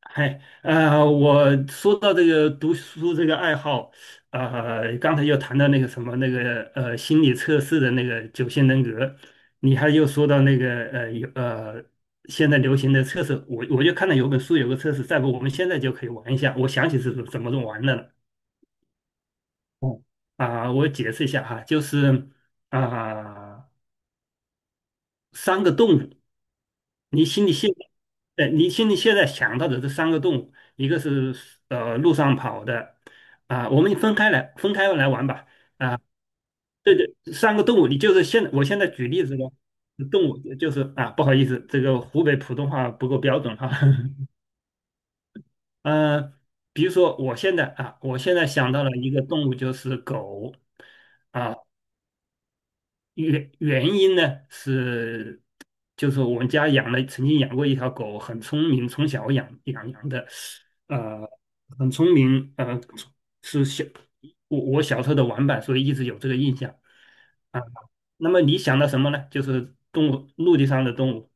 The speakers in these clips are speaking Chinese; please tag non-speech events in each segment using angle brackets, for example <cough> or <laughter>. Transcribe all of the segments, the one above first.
嗨，我说到这个读书这个爱好，刚才又谈到那个什么那个心理测试的那个九型人格。你还又说到那个有现在流行的测试，我就看到有本书有个测试，再不我们现在就可以玩一下，我想起是怎么玩的了。啊、我解释一下哈，就是，啊、三个动物。你心里现在想到的这三个动物，一个是路上跑的。啊、我们分开来玩吧。对对，三个动物，你就是我现在举例子咯。动物就是啊，不好意思，这个湖北普通话不够标准哈。<laughs> 呃，比如说我现在想到了一个动物就是狗。啊、原因呢是，就是我们家养了，曾经养过一条狗，很聪明，从小养的，呃，很聪明，是小我小时候的玩伴，所以一直有这个印象啊。那么你想到什么呢？就是动物，陆地上的动物。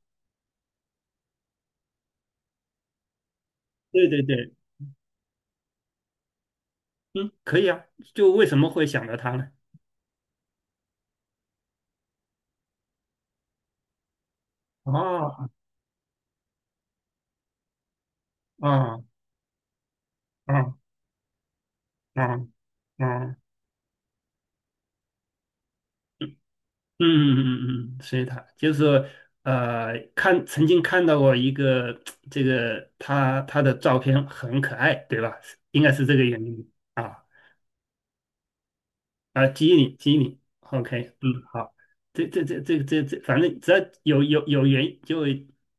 对对对，嗯，可以啊。就为什么会想到它呢？啊啊啊啊啊！嗯嗯嗯嗯，嗯，所以他就是看曾经看到过一个这个他的照片很可爱，对吧？应该是这个原因啊。啊，激你激你，OK，嗯，好。这这这这这这，反正只要有有有原就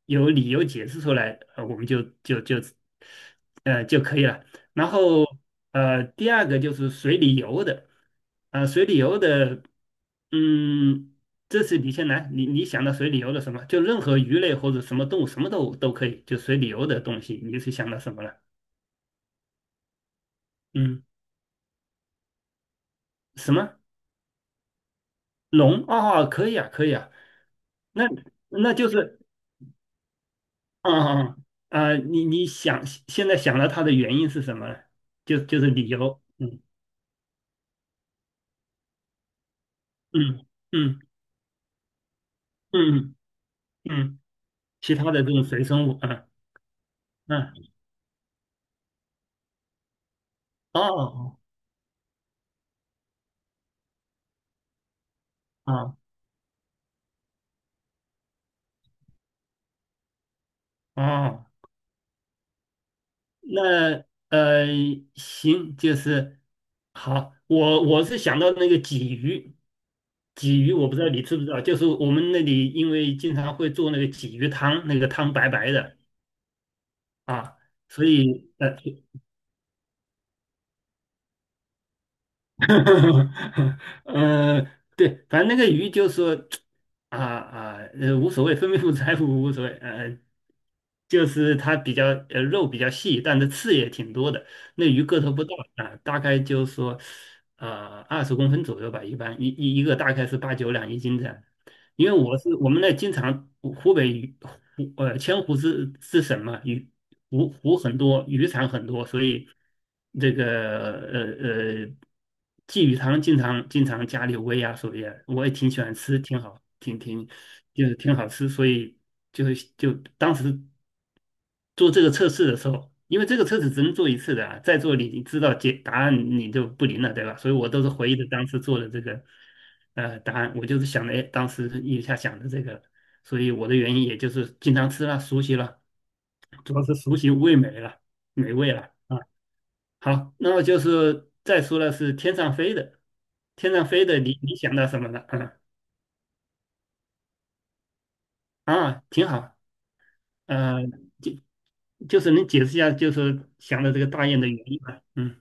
有理由解释出来，我们就可以了。然后第二个就是水里游的。啊、水里游的，嗯，这次你先来，你想到水里游的什么？就任何鱼类或者什么动物，什么都可以，就水里游的东西，你是想到什么了？嗯，什么龙？哦，可以啊，可以啊。那那就是啊啊啊！你现在想到它的原因是什么了，是理由，嗯，嗯嗯嗯嗯，其他的这种水生物，嗯嗯，哦哦哦。那呃行，就是好，我是想到那个鲫鱼。鲫鱼我不知道你知不知道，就是我们那里因为经常会做那个鲫鱼汤，那个汤白白的啊，所以。<laughs> 呃，对，反正那个鱼就说啊啊，无所谓，分不分财富无所谓，就是它比较肉比较细，但是刺也挺多的。那鱼个头不大啊，大概就说20公分左右吧，一般一个大概是八九两一斤这样。因为我是我们那经常湖北鱼千湖是什么鱼湖很多，鱼塘很多，所以这个鲫鱼汤经常经常家里煨啊，所以啊我也挺喜欢吃，挺好，就是挺好吃，所以就就当时做这个测试的时候，因为这个测试只能做一次的啊，再做你知道解答案你就不灵了，对吧？所以我都是回忆的当时做的这个答案，我就是想的，哎，当时一下想的这个，所以我的原因也就是经常吃了，熟悉了。主要是熟悉味美了，美味了啊。好，那么就是再说了是天上飞的，天上飞的你想到什么了？啊啊，挺好。呃，就就是能解释一下，就是想到这个大雁的原因吗？嗯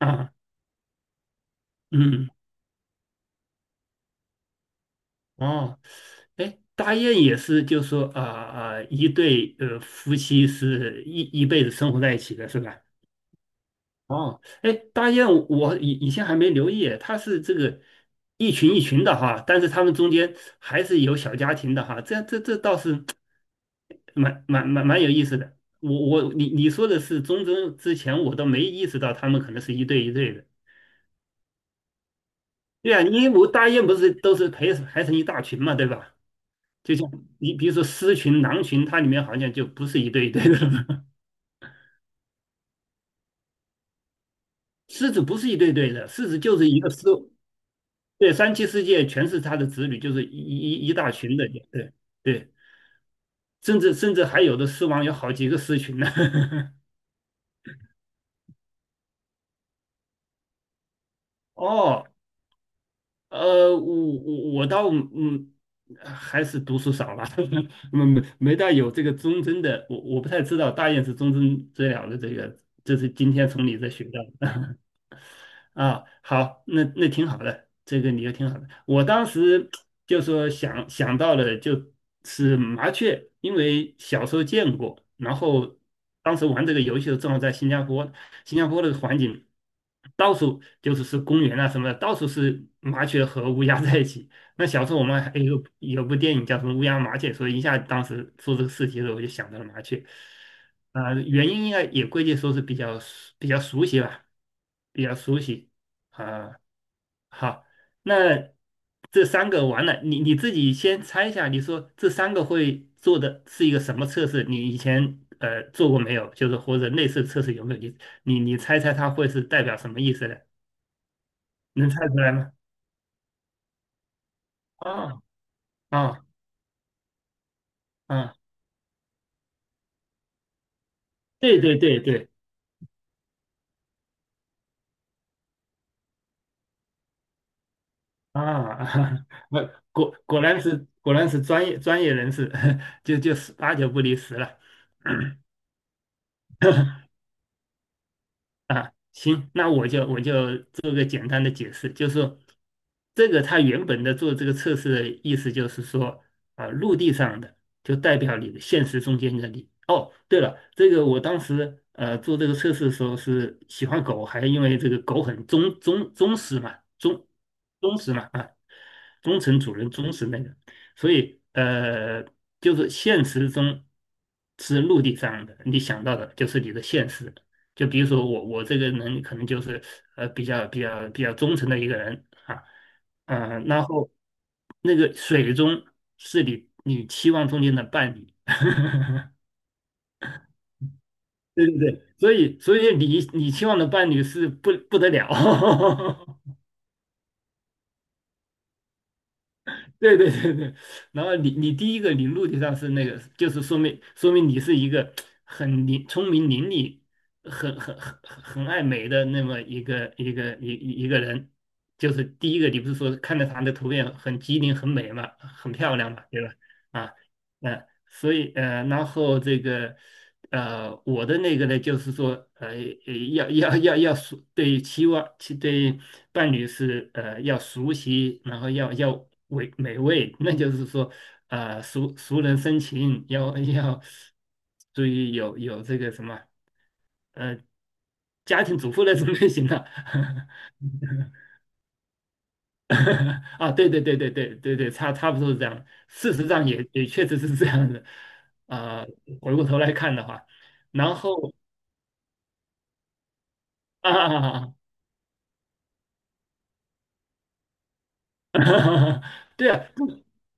啊嗯哦，哎，大雁也是，就是说啊啊、一对夫妻是一辈子生活在一起的，是吧？哦，哎，大雁，我以前还没留意，它是这个一群一群的哈，但是它们中间还是有小家庭的哈，这倒是蛮有意思的。我我你你说的是中贞之前，我都没意识到他们可能是一对一对的。对啊，因为我大雁不是都是排成一大群嘛，对吧？就像你比如说狮群、狼群，它里面好像就不是一对一对的了。<laughs> 狮子不是一对对的，狮子就是一个狮。对，三妻四妾全是他的子女，就是一大群的，对对，甚至还有的狮王有好几个狮群呢。<laughs> 哦，我倒，还是读书少吧。<laughs> 没大有这个忠贞的，我不太知道大雁是忠贞最了的这个，这是今天从你这学到的。啊，好，那挺好的，这个理由挺好的。我当时就说想到了就是麻雀，因为小时候见过，然后当时玩这个游戏的时候正好在新加坡。新加坡的环境到处就是公园啊什么的，到处是麻雀和乌鸦在一起。那小时候我们还有部电影叫什么《乌鸦麻雀》，所以一下当时做这个事情的时候我就想到了麻雀。啊、原因应该也归结说是比较熟悉吧，比较熟悉。啊、好，那这三个完了，你自己先猜一下，你说这三个会做的是一个什么测试？你以前做过没有？就是或者类似测试有没有？你猜猜它会是代表什么意思呢？能猜出来吗？啊啊啊！对对对对啊。<laughs> 那果然是专业专业人士。<laughs> 就十八九不离十了。<clears throat> 啊，行，那我就做个简单的解释，就是说这个它原本的做这个测试的意思就是说，啊，陆地上的就代表你的现实中间的你。哦，对了，这个我当时做这个测试的时候是喜欢狗，还因为这个狗很忠实嘛，忠实嘛啊，忠诚主人忠实那个，所以就是现实中是陆地上的，你想到的就是你的现实。就比如说我这个人可能就是比较忠诚的一个人啊。嗯、然后那个水中是你期望中间的伴侣，对对对，所以你期望的伴侣是不得了。<laughs> <laughs> 对对对对，然后你第一个你陆地上是那个，就是说明你是一个聪明伶俐、很爱美的那么一个人。就是第一个，你不是说看着他的图片很机灵、很美嘛，很漂亮嘛，对吧？啊，嗯，所以然后这个我的那个呢，就是说要熟。对期望对伴侣是要熟悉，然后要美味，那就是说熟能生情，要注意有这个什么呃家庭主妇那种类型的。<laughs> <laughs> 啊，对对对对对对对，差不多是这样。事实上也确实是这样的。啊、回过头来看的话，然后啊。<laughs> <laughs> 哈哈，对啊，不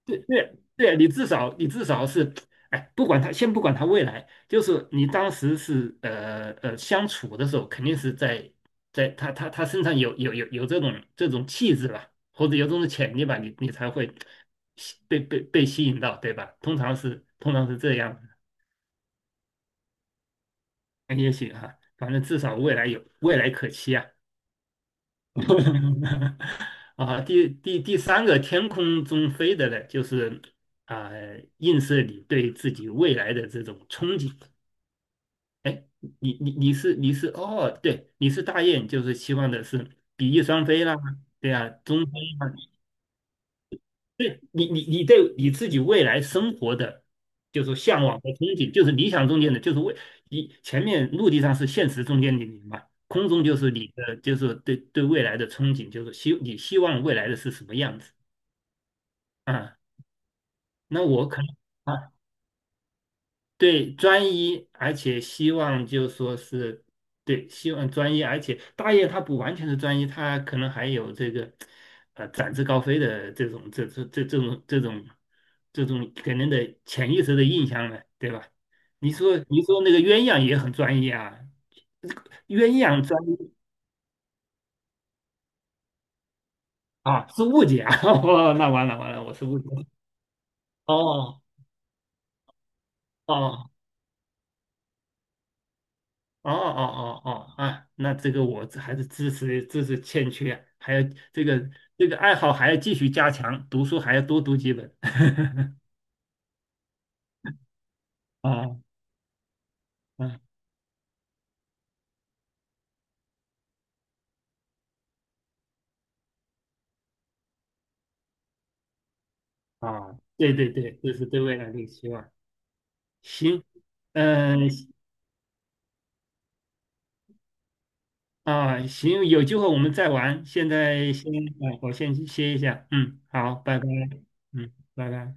对对对啊，你至少是，哎，不管他，先不管他未来，就是你当时是相处的时候，肯定是在他身上有这种气质吧，或者有这种潜力吧，你才会被吸引到，对吧？通常是这样的，也许哈、反正至少未来可期啊。<laughs> 啊，第三个天空中飞的呢，就是啊、映射你对自己未来的这种憧憬。哎，你你你是你是哦，对，你是大雁，就是希望的是比翼双飞啦，对啊，中飞啦，对你对你自己未来生活的，就是说向往和憧憬，就是理想中间的，就是为你前面陆地上是现实中间的你嘛，空中就是你的，就是对未来的憧憬，就是你希望未来的是什么样子啊？那我可能。啊。对，专一，而且希望就说是，对，希望专一，而且大业它不完全是专一，它可能还有这个，展翅高飞的这种给人的潜意识的印象呢，对吧？你说那个鸳鸯也很专一啊，鸳鸯专一啊是误解啊。<laughs> 哦，那完了完了，我是误解了，哦哦哦哦哦哦啊，那这个我还是知识欠缺啊，还有这个这个爱好还要继续加强，读书还要多读几本。<laughs> 啊啊啊！对对对，这是对未来的一个期望。行，嗯、啊行，有机会我们再玩。现在先，啊我先去歇一下。嗯，好，拜拜。嗯，拜拜。